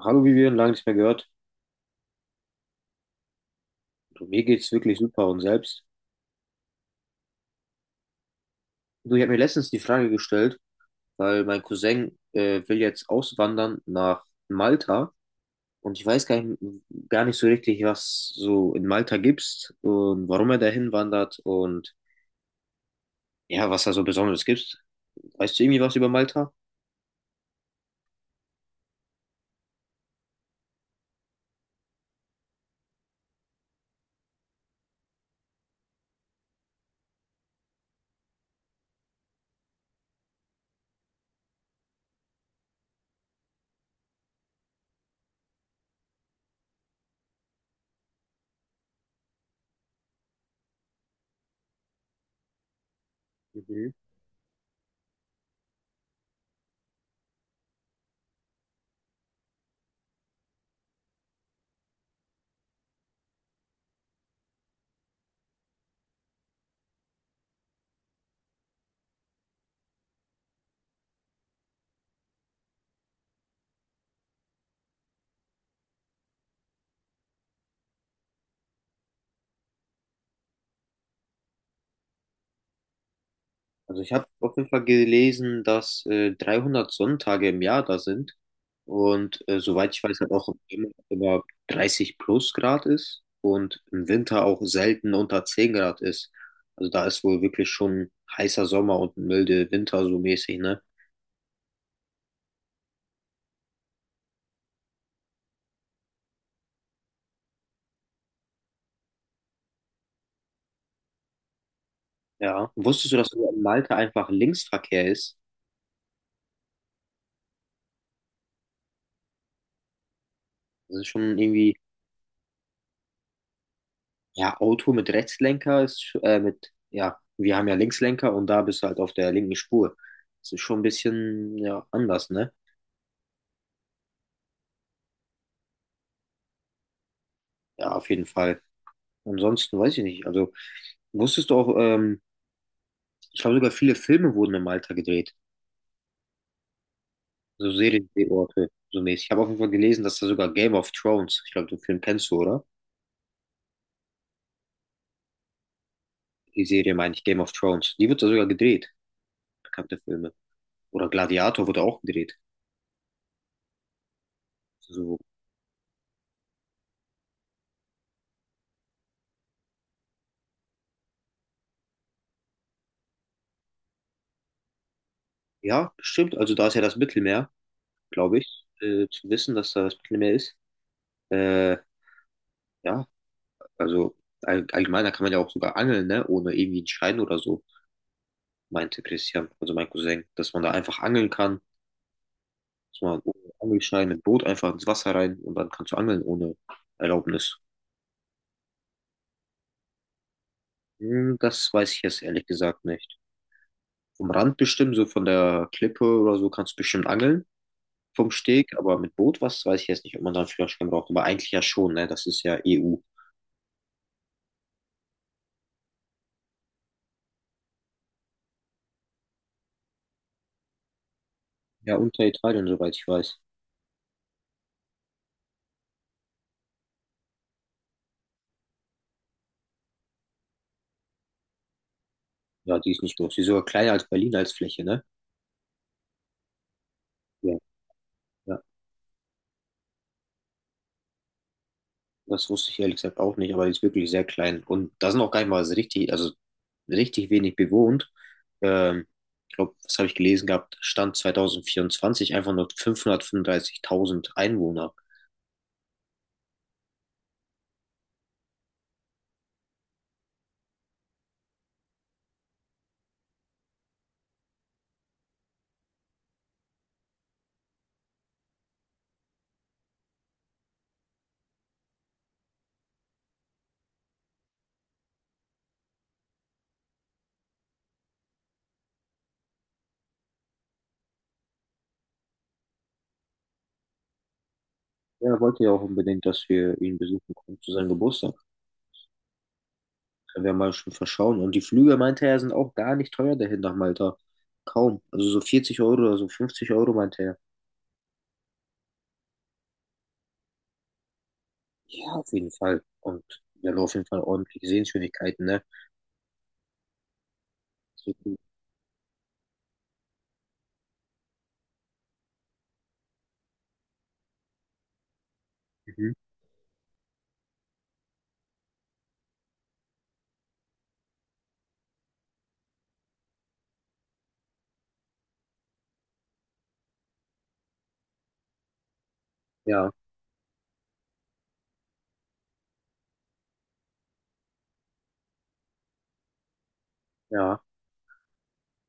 Hallo Vivian, lange nicht mehr gehört. Du, mir geht's wirklich super und selbst. Du, ich habe mir letztens die Frage gestellt, weil mein Cousin will jetzt auswandern nach Malta, und ich weiß gar nicht so richtig, was so in Malta gibt's und warum er dahin wandert und ja, was da so Besonderes gibt. Weißt du irgendwie was über Malta? Also ich habe auf jeden Fall gelesen, dass 300 Sonntage im Jahr da sind und soweit ich weiß, halt auch immer 30 plus Grad ist und im Winter auch selten unter 10 Grad ist. Also da ist wohl wirklich schon heißer Sommer und milde Winter so mäßig, ne? Ja. Wusstest du, dass in Malta einfach Linksverkehr ist? Das ist schon irgendwie, ja, Auto mit Rechtslenker ist, mit, ja, wir haben ja Linkslenker und da bist du halt auf der linken Spur. Das ist schon ein bisschen, ja, anders, ne? Ja, auf jeden Fall. Ansonsten weiß ich nicht. Also wusstest du auch, ich glaube sogar viele Filme wurden in Malta gedreht. So Seriendrehorte, so mäßig. Ich habe auf jeden Fall gelesen, dass da sogar Game of Thrones, ich glaube, den Film kennst du, oder? Die Serie meine ich, Game of Thrones. Die wird da sogar gedreht, bekannte Filme. Oder Gladiator wurde auch gedreht. So, ja, stimmt. Also da ist ja das Mittelmeer, glaube ich, zu wissen, dass da das Mittelmeer ist. Äh, ja, also allgemein, da kann man ja auch sogar angeln, ne? Ohne irgendwie einen Schein oder so. Meinte Christian, also mein Cousin, dass man da einfach angeln kann, dass man ohne Angelschein mit Boot einfach ins Wasser rein und dann kannst du angeln ohne Erlaubnis. Hm, das weiß ich jetzt ehrlich gesagt nicht. Vom Rand bestimmt, so von der Klippe oder so kannst du bestimmt angeln. Vom Steg, aber mit Boot, was weiß ich jetzt nicht, ob man da einen Führerschein braucht. Aber eigentlich ja schon, ne? Das ist ja EU. Ja, unter Italien, soweit ich weiß. Ja, die ist nicht groß. Die ist sogar kleiner als Berlin als Fläche, ne? Ja, ja. Das wusste ich ehrlich gesagt auch nicht, aber die ist wirklich sehr klein. Und da sind auch gar nicht mal so richtig, also richtig wenig bewohnt. Ähm, ich glaube, was habe ich gelesen gehabt? Stand 2024 einfach nur 535.000 Einwohner. Ja, er wollte ja auch unbedingt, dass wir ihn besuchen kommen zu seinem Geburtstag. Können wir mal schon verschauen. Und die Flüge, meinte er, sind auch gar nicht teuer dahin nach Malta. Kaum. Also so 40 Euro oder so 50 Euro, meinte er. Ja, auf jeden Fall. Und wir haben auf jeden Fall ordentliche Sehenswürdigkeiten, ne? So, mhm. Ja, ja.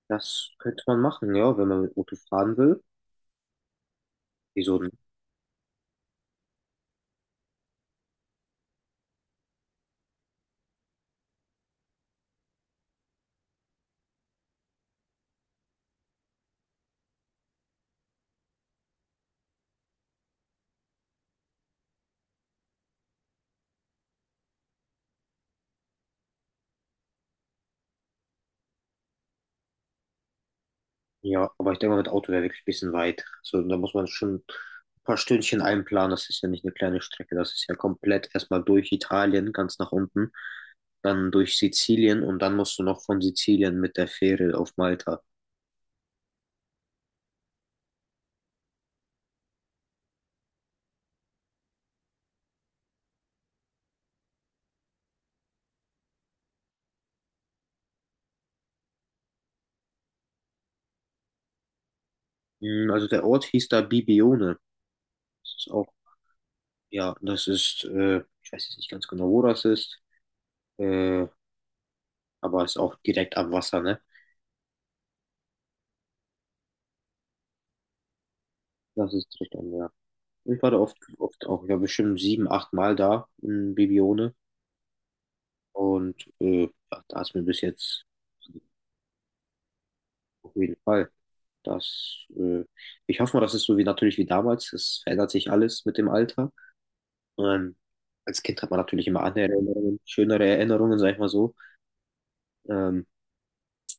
Das könnte man machen, ja, wenn man mit Auto fahren will. Wieso denn? Ja, aber ich denke mal, mit Auto wäre wirklich ein bisschen weit. So, da muss man schon ein paar Stündchen einplanen. Das ist ja nicht eine kleine Strecke. Das ist ja komplett erstmal durch Italien, ganz nach unten, dann durch Sizilien und dann musst du noch von Sizilien mit der Fähre auf Malta. Hm, also der Ort hieß da Bibione. Das ist auch, ja, das ist, ich weiß jetzt nicht ganz genau, wo das ist, äh, aber ist auch direkt am Wasser, ne? Das ist direkt am Meer. Ich war da oft, oft auch, ich war bestimmt 7, 8 Mal da in Bibione. Und ja, da ist mir bis jetzt auf jeden Fall. Das, ich hoffe mal, das ist so wie natürlich wie damals. Es verändert sich alles mit dem Alter. Ähm, als Kind hat man natürlich immer andere Erinnerungen, schönere Erinnerungen, sag ich mal so. Ähm,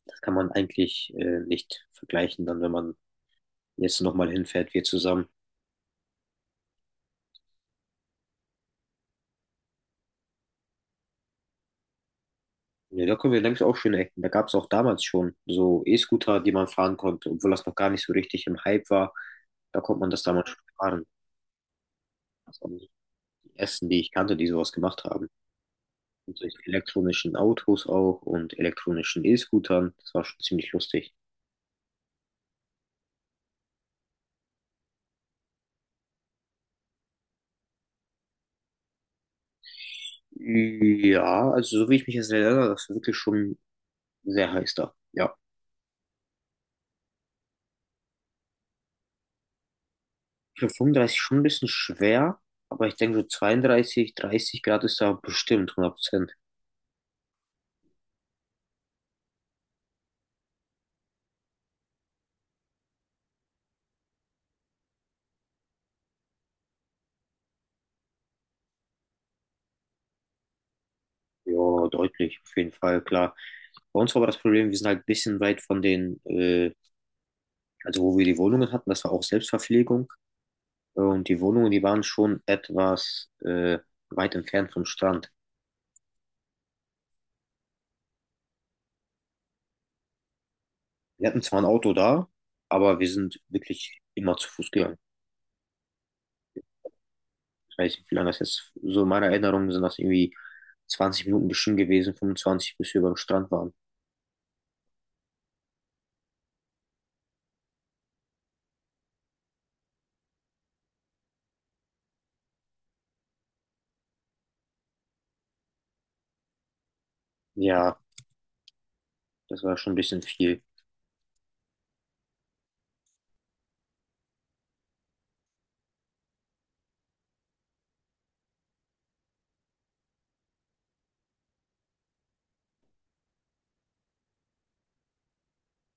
das kann man eigentlich nicht vergleichen, dann wenn man jetzt nochmal hinfährt, wir zusammen. Ja, da können wir, denke ich, auch schöne Ecken. Da gab es auch damals schon so E-Scooter, die man fahren konnte, obwohl das noch gar nicht so richtig im Hype war. Da konnte man das damals schon fahren. Das waren so die ersten, die ich kannte, die sowas gemacht haben. Mit solchen elektronischen Autos auch und elektronischen E-Scootern. Das war schon ziemlich lustig. Ja, also so wie ich mich jetzt erinnere, das ist wirklich schon sehr heiß da. Ja. Ich finde 35 schon ein bisschen schwer, aber ich denke so 32, 30 Grad ist da bestimmt 100. Ja, deutlich, auf jeden Fall, klar. Bei uns war aber das Problem, wir sind halt ein bisschen weit von den, also wo wir die Wohnungen hatten, das war auch Selbstverpflegung. Und die Wohnungen, die waren schon etwas weit entfernt vom Strand. Wir hatten zwar ein Auto da, aber wir sind wirklich immer zu Fuß gegangen. Ich weiß nicht, wie lange das jetzt, so in meiner Erinnerung sind das irgendwie 20 Minuten bestimmt gewesen, 25, bis wir beim Strand waren. Ja, das war schon ein bisschen viel.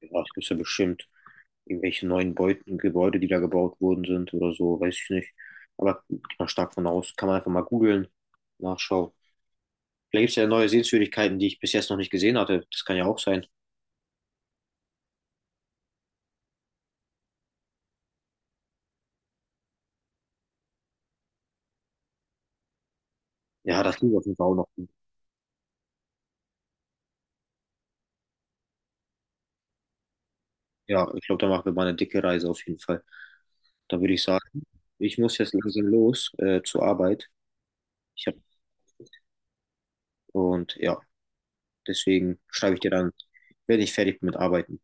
Ja, ich bin so bestimmt irgendwelche neuen Beuten, Gebäude, die da gebaut worden sind oder so, weiß ich nicht. Aber gehe mal stark von aus. Kann man einfach mal googeln, nachschauen. Vielleicht gibt es ja neue Sehenswürdigkeiten, die ich bis jetzt noch nicht gesehen hatte. Das kann ja auch sein. Ja, das liegt auf jeden Fall auch noch. Ja, ich glaube, da machen wir mal eine dicke Reise auf jeden Fall. Dann würde ich sagen, ich muss jetzt langsam los zur Arbeit. Ich hab, und ja, deswegen schreibe ich dir dann, wenn ich fertig bin mit Arbeiten.